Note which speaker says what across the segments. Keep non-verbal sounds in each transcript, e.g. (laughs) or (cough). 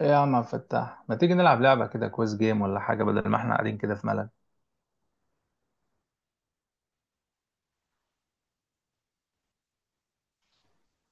Speaker 1: ايه يا عم عبد الفتاح، ما تيجي نلعب لعبة كده، كويس جيم ولا حاجة بدل ما احنا قاعدين كده في ملل؟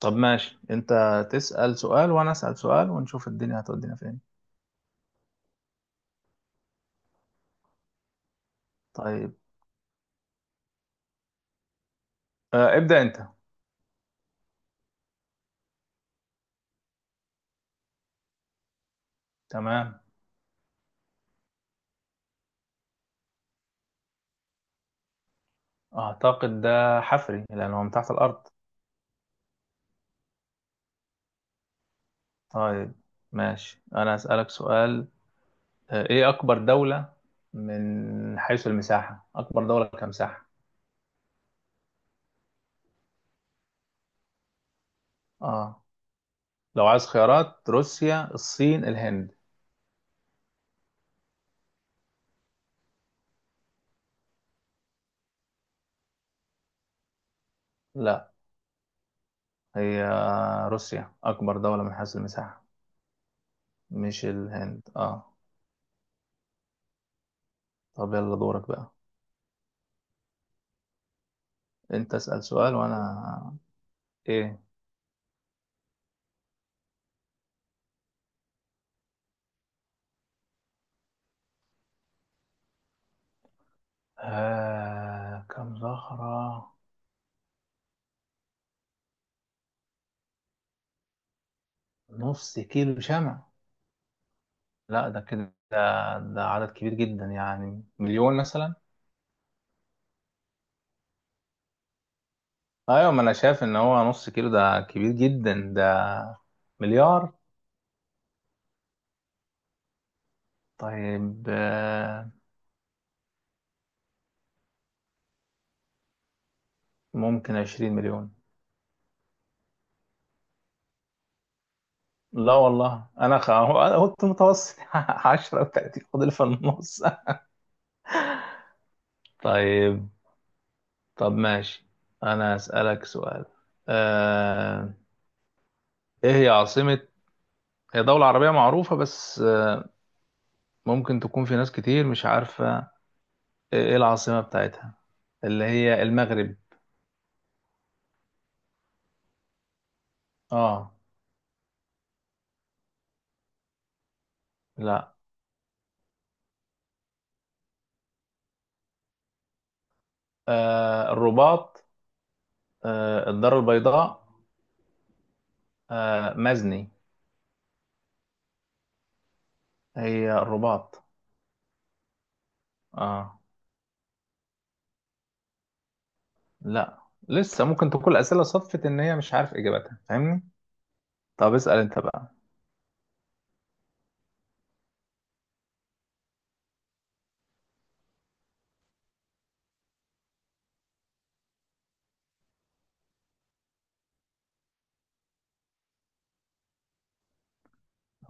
Speaker 1: طب ماشي، انت تسأل سؤال وانا أسأل سؤال ونشوف الدنيا هتودينا فين. طيب آه، ابدأ انت. تمام، اعتقد ده حفري لان هو من تحت الارض. طيب ماشي، انا أسألك سؤال. آه، ايه اكبر دولة من حيث المساحة، اكبر دولة كمساحة؟ اه، لو عايز خيارات: روسيا، الصين، الهند. لا، هي روسيا اكبر دولة من حيث المساحة، مش الهند. اه طب يلا دورك بقى. انت اسأل سؤال وانا ايه. كم زهرة؟ نص كيلو شمع؟ لا ده كده ده عدد كبير جدا، يعني مليون مثلا. ايوه ما انا شايف ان هو نص كيلو ده كبير جدا ده، مليار. طيب ممكن 20 مليون. لا والله، انا انا كنت متوسط (laughs) 10 و30 فاضل في النص. (laughs) طيب، طب ماشي انا اسألك سؤال. آه... ايه هي عاصمة، هي دولة عربية معروفة بس ممكن تكون في ناس كتير مش عارفة ايه العاصمة بتاعتها، اللي هي المغرب؟ اه. لا. آه الرباط، آه الدار البيضاء، آه مزني. هي الرباط. اه لا، لسه ممكن تكون الأسئلة صدفت إن هي مش عارف إجابتها، فاهمني. طب اسأل أنت بقى.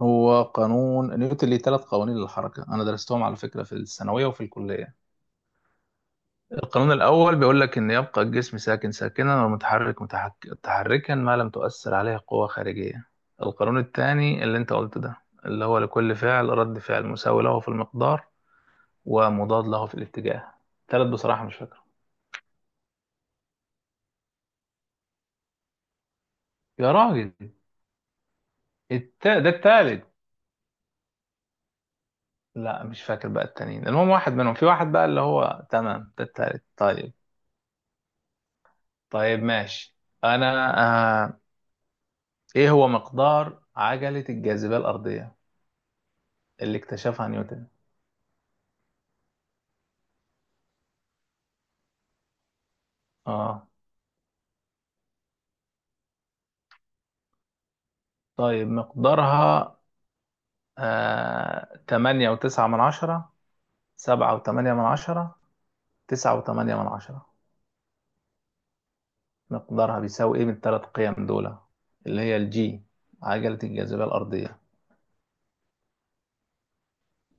Speaker 1: هو قانون نيوتن ليه 3 قوانين للحركة، أنا درستهم على فكرة في الثانوية وفي الكلية. القانون الأول بيقول لك إن يبقى الجسم ساكن ساكنا ومتحرك متحركا ما لم تؤثر عليه قوة خارجية. القانون الثاني اللي أنت قلته ده، اللي هو لكل فعل رد فعل مساوي له في المقدار ومضاد له في الاتجاه. التالت بصراحة مش فاكره. يا راجل. ده التالت. لا مش فاكر بقى التانيين، المهم واحد منهم في واحد بقى اللي هو تمام ده التالت. طيب، طيب ماشي. أنا إيه هو مقدار عجلة الجاذبية الأرضية اللي اكتشفها نيوتن؟ اه. طيب مقدارها، آه 8.9، 7.8، تسعة وتمانية من عشرة؟ مقدارها بيساوي ايه من التلات قيم دول، اللي هي الجي، عجلة الجاذبية الأرضية،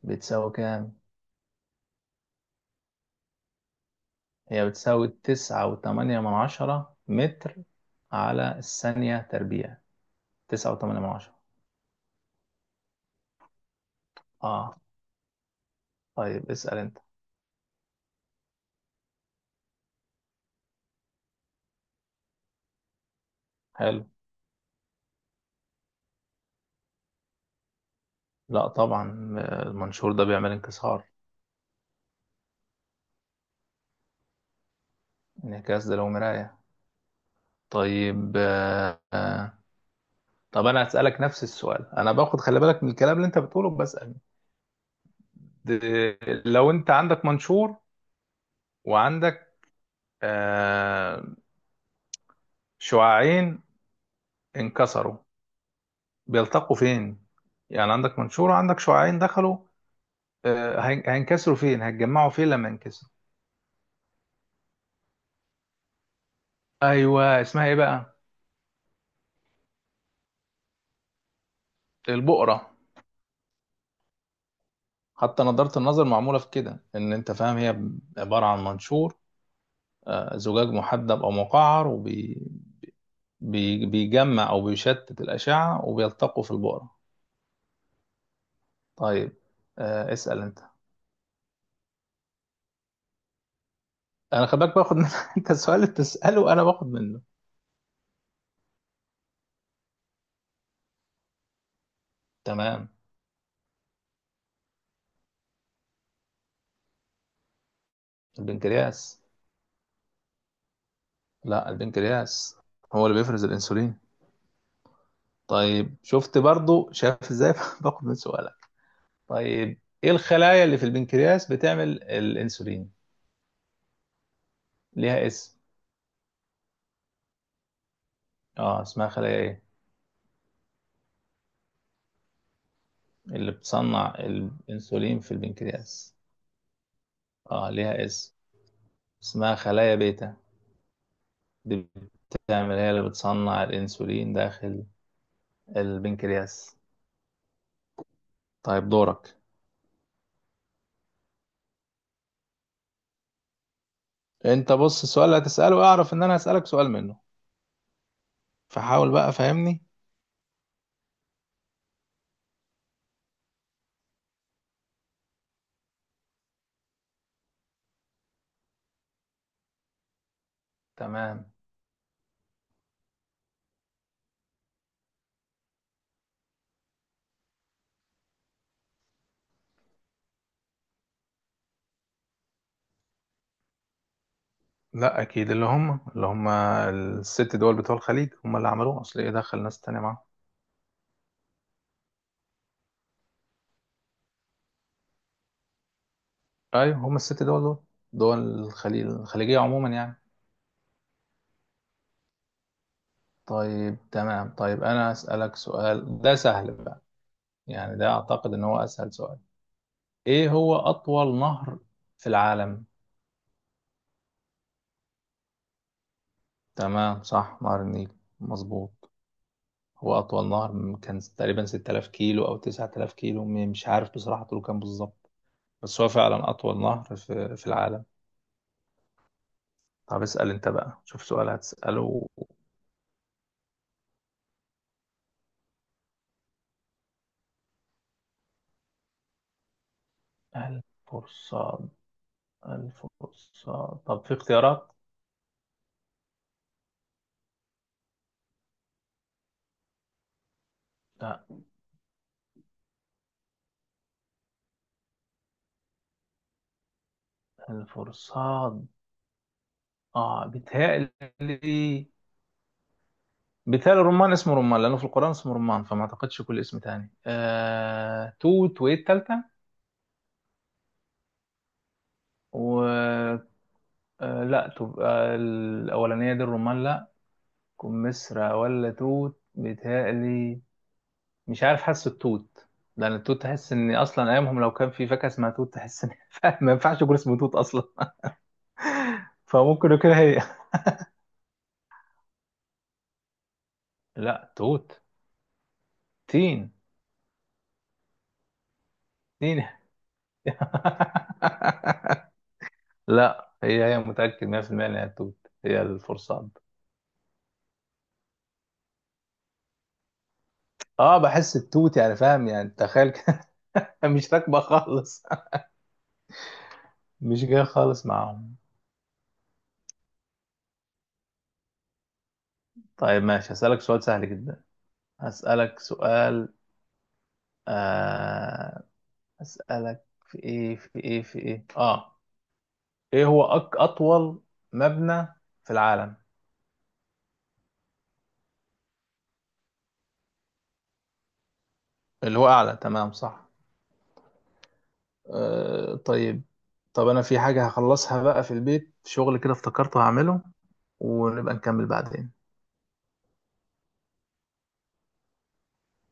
Speaker 1: بتساوي كام؟ هي بتساوي 9.8 متر على الثانية تربيع. 9.8. اه. طيب اسأل انت. حلو. لا طبعا، آه، المنشور ده بيعمل انكسار. انعكاس ده لو مراية. طيب آه، طب انا هسألك نفس السؤال، انا باخد، خلي بالك من الكلام اللي انت بتقوله بسأل. د- لو انت عندك منشور وعندك آه شعاعين انكسروا، بيلتقوا فين؟ يعني عندك منشور وعندك شعاعين دخلوا، آه هينكسروا فين، هيتجمعوا فين لما ينكسروا؟ ايوه اسمها ايه بقى؟ البؤرة. حتى نظارة النظر معمولة في كده، ان انت فاهم، هي عبارة عن منشور، آه زجاج محدب او مقعر، بيجمع او بيشتت الاشعه وبيلتقوا في البقره. طيب آه اسال انت. انا خلي بالك باخد من (laughs) انت السؤال اللي بتساله انا باخد منه. تمام. البنكرياس. لا البنكرياس هو اللي بيفرز الانسولين. طيب شفت، برضو شايف ازاي (laughs) باخد من سؤالك. طيب ايه الخلايا اللي في البنكرياس بتعمل الانسولين؟ ليها اسم. اه اسمها خلايا ايه، اللي بتصنع الانسولين في البنكرياس؟ اه ليها اسم، اسمها خلايا بيتا. دي بتعمل، هي اللي بتصنع الانسولين داخل البنكرياس. طيب دورك. انت بص السؤال اللي هتسأله، اعرف ان انا هسألك سؤال منه، فحاول بقى فهمني. تمام. لا اكيد، اللي هم، اللي هم الست دول بتوع الخليج هم اللي عملوه، اصل ايه دخل ناس تانية معاهم؟ ايوه هم الست دول دول، دول الخليج الخليجية عموما يعني. طيب تمام، طيب انا هسألك سؤال ده سهل بقى، يعني ده اعتقد ان هو اسهل سؤال. ايه هو اطول نهر في العالم؟ تمام صح، نهر النيل، مظبوط. هو أطول نهر، كان تقريبا 6000 كيلو أو 9000 كيلو، مش عارف بصراحة طوله كام بالظبط، بس هو فعلا أطول نهر في العالم. طب اسأل أنت بقى، شوف سؤال هتسأله. الفرصاد. الفرصاد، طب في اختيارات؟ لا. الفرصاد، آه بيتهيألي، بيتهيألي الرمان، اسمه رمان لأنه في القرآن اسمه رمان، فما أعتقدش. كل اسم تاني، توت، وإيه التالتة؟ آه لا، تبقى الأولانية دي الرمان لا، تكون مسرة ولا توت بيتهيألي. مش عارف، حاسس التوت، لأن التوت تحس إن أصلا أيامهم لو كان في فاكهة اسمها توت تحس إن (laughs) ما ينفعش يكون اسمه توت أصلا. فممكن يكون هي. لا توت، تين. تين. (laughs) لا هي، هي، متأكد 100% إنها توت، هي الفرصاد. اه بحس التوت، يعني فاهم، يعني تخيل كده (laughs) مش راكبة خالص، مش جاية خالص معاهم. طيب ماشي، هسألك سؤال سهل جدا. هسألك سؤال. آه هسألك في ايه، في ايه، في ايه، اه ايه هو اطول مبنى في العالم؟ اللي هو اعلى، تمام صح. آه طيب. طب انا في حاجة هخلصها بقى في البيت، شغل كده افتكرته هعمله، ونبقى نكمل بعدين.